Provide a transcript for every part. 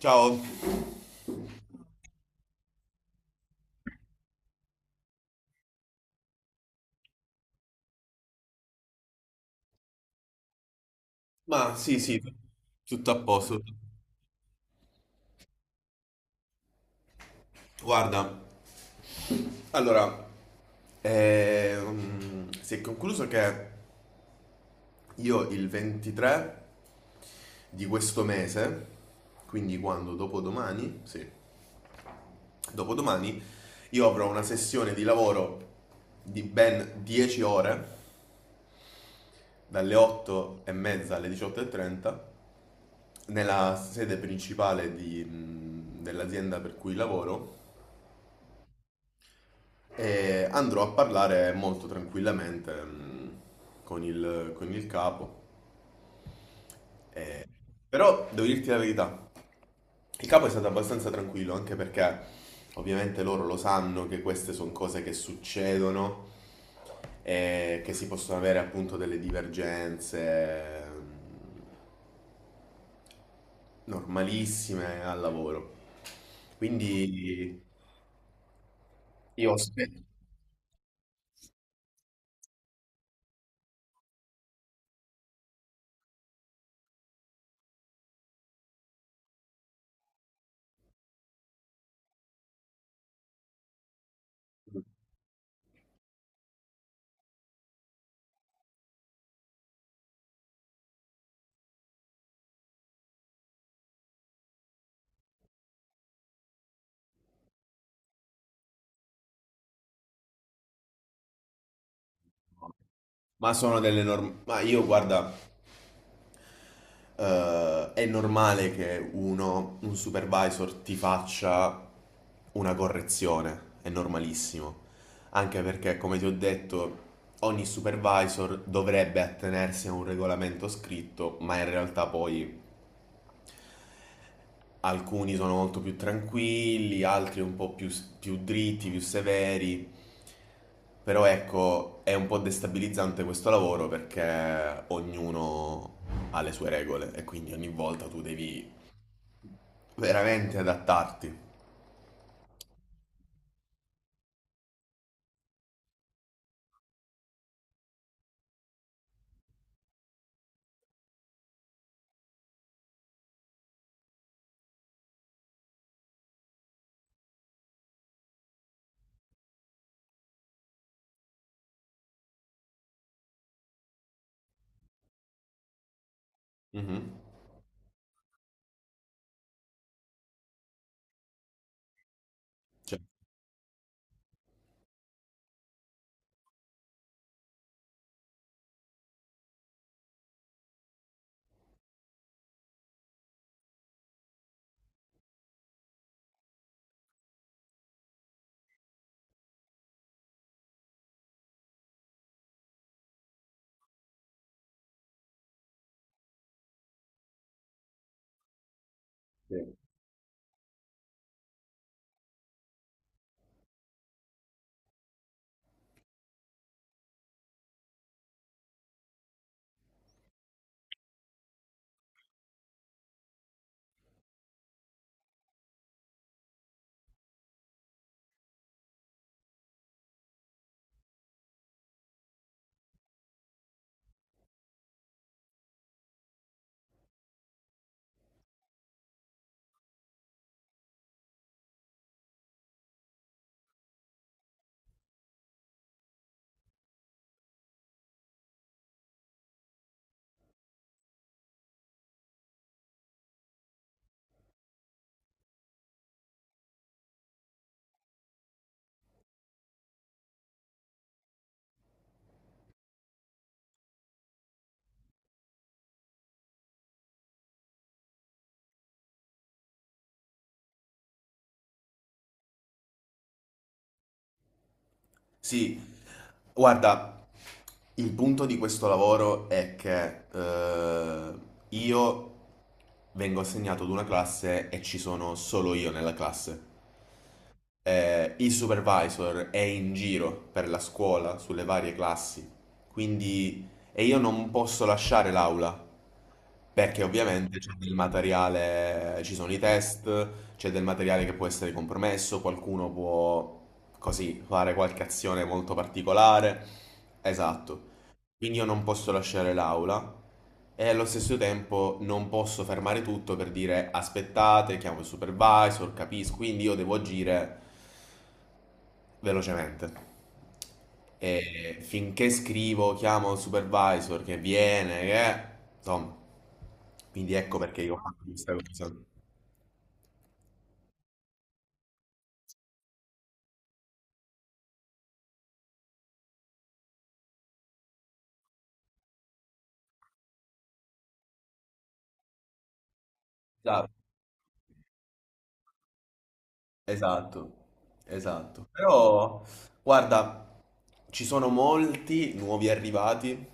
Ciao, ma sì, sì, tutto a posto. Guarda, allora, si è concluso che io il 23 di questo mese, quindi quando? Dopodomani? Sì, dopodomani, io avrò una sessione di lavoro di ben 10 ore, dalle 8 e mezza alle 18:30, nella sede principale dell'azienda per cui lavoro. E andrò a parlare molto tranquillamente con il capo. Però devo dirti la verità, il capo è stato abbastanza tranquillo, anche perché ovviamente loro lo sanno che queste sono cose che succedono e che si possono avere appunto delle divergenze mh, normalissime al lavoro. Quindi io aspetto. Ma sono delle norme. Ma io, guarda, è normale che un supervisor, ti faccia una correzione, è normalissimo. Anche perché, come ti ho detto, ogni supervisor dovrebbe attenersi a un regolamento scritto, ma in realtà poi alcuni sono molto più tranquilli, altri un po' più dritti, più severi. Però ecco, è un po' destabilizzante questo lavoro perché ognuno ha le sue regole e quindi ogni volta tu devi veramente adattarti. Mhm. Cioè, sì. Sì. Guarda, il punto di questo lavoro è che io vengo assegnato ad una classe e ci sono solo io nella classe. Il supervisor è in giro per la scuola, sulle varie classi, quindi e io non posso lasciare l'aula perché ovviamente c'è del materiale, ci sono i test, c'è del materiale che può essere compromesso, qualcuno può così fare qualche azione molto particolare. Esatto. Quindi io non posso lasciare l'aula e allo stesso tempo non posso fermare tutto per dire aspettate, chiamo il supervisor, capisco, quindi io devo agire velocemente. E finché scrivo, chiamo il supervisor che viene, che... Insomma, quindi ecco perché io ho fatto questa cosa. Esatto, esatto, esatto. Però, guarda, ci sono molti nuovi arrivati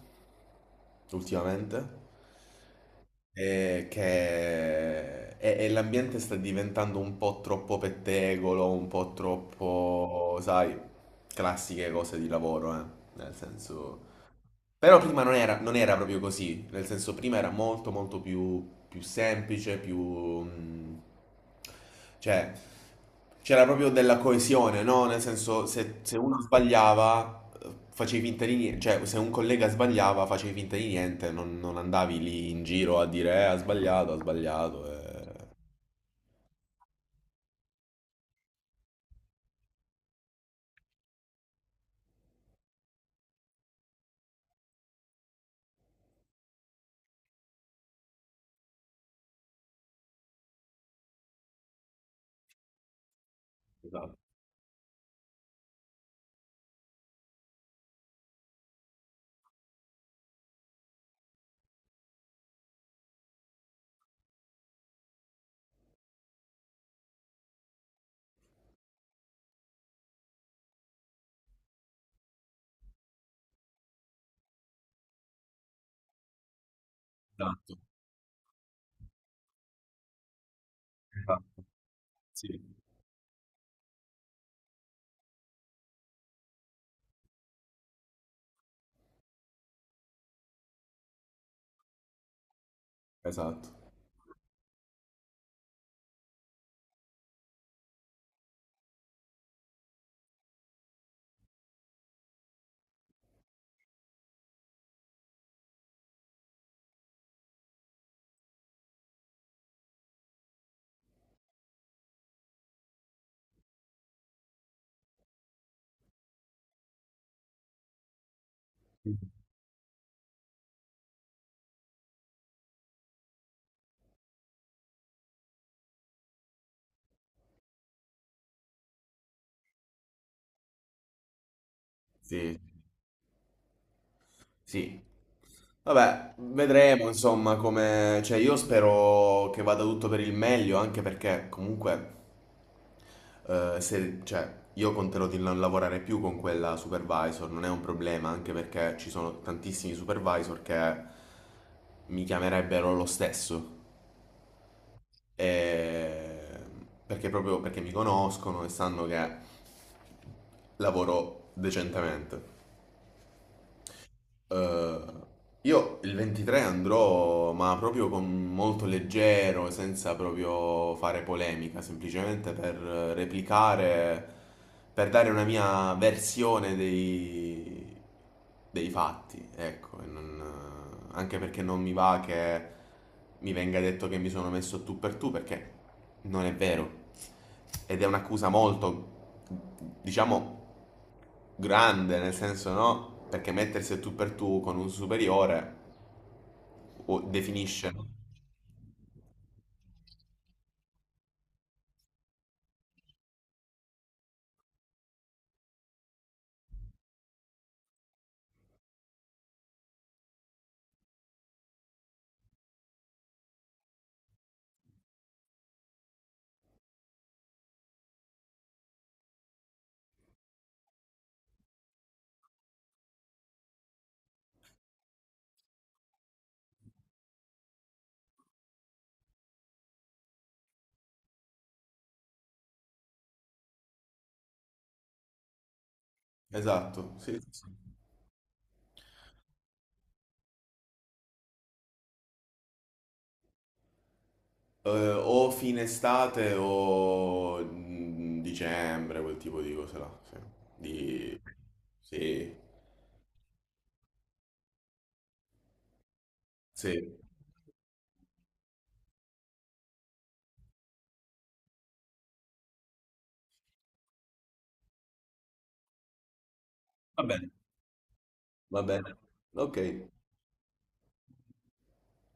ultimamente che... e l'ambiente sta diventando un po' troppo pettegolo, un po' troppo, sai, classiche cose di lavoro, eh. Nel senso... Però prima non era proprio così, nel senso prima era molto molto più semplice, cioè c'era proprio della coesione, no? Nel senso se uno sbagliava facevi finta di niente, cioè se un collega sbagliava facevi finta di niente, non andavi lì in giro a dire ha sbagliato, ha sbagliato. Eh. Esatto, esatto, esatto, sì, esatto, sì. Sì. Vabbè, vedremo insomma come... Cioè io spero che vada tutto per il meglio, anche perché comunque se... cioè, io conterò di non lavorare più con quella supervisor, non è un problema, anche perché ci sono tantissimi supervisor che mi chiamerebbero lo stesso. E- Perché proprio perché mi conoscono e sanno che lavoro decentemente. Eh, io il 23 andrò, ma proprio con molto leggero, senza proprio fare polemica, semplicemente per replicare, per dare una mia versione dei fatti, ecco, anche perché non mi va che mi venga detto che mi sono messo tu per tu, perché non è vero. Ed è un'accusa molto, diciamo, grande, nel senso no, perché mettersi a tu per tu con un superiore definisce. No? Esatto, sì. Sì, sì. O fine estate o dicembre, quel tipo di cose là. Sì. Di... Sì, sì. Va bene. Va bene. Ok.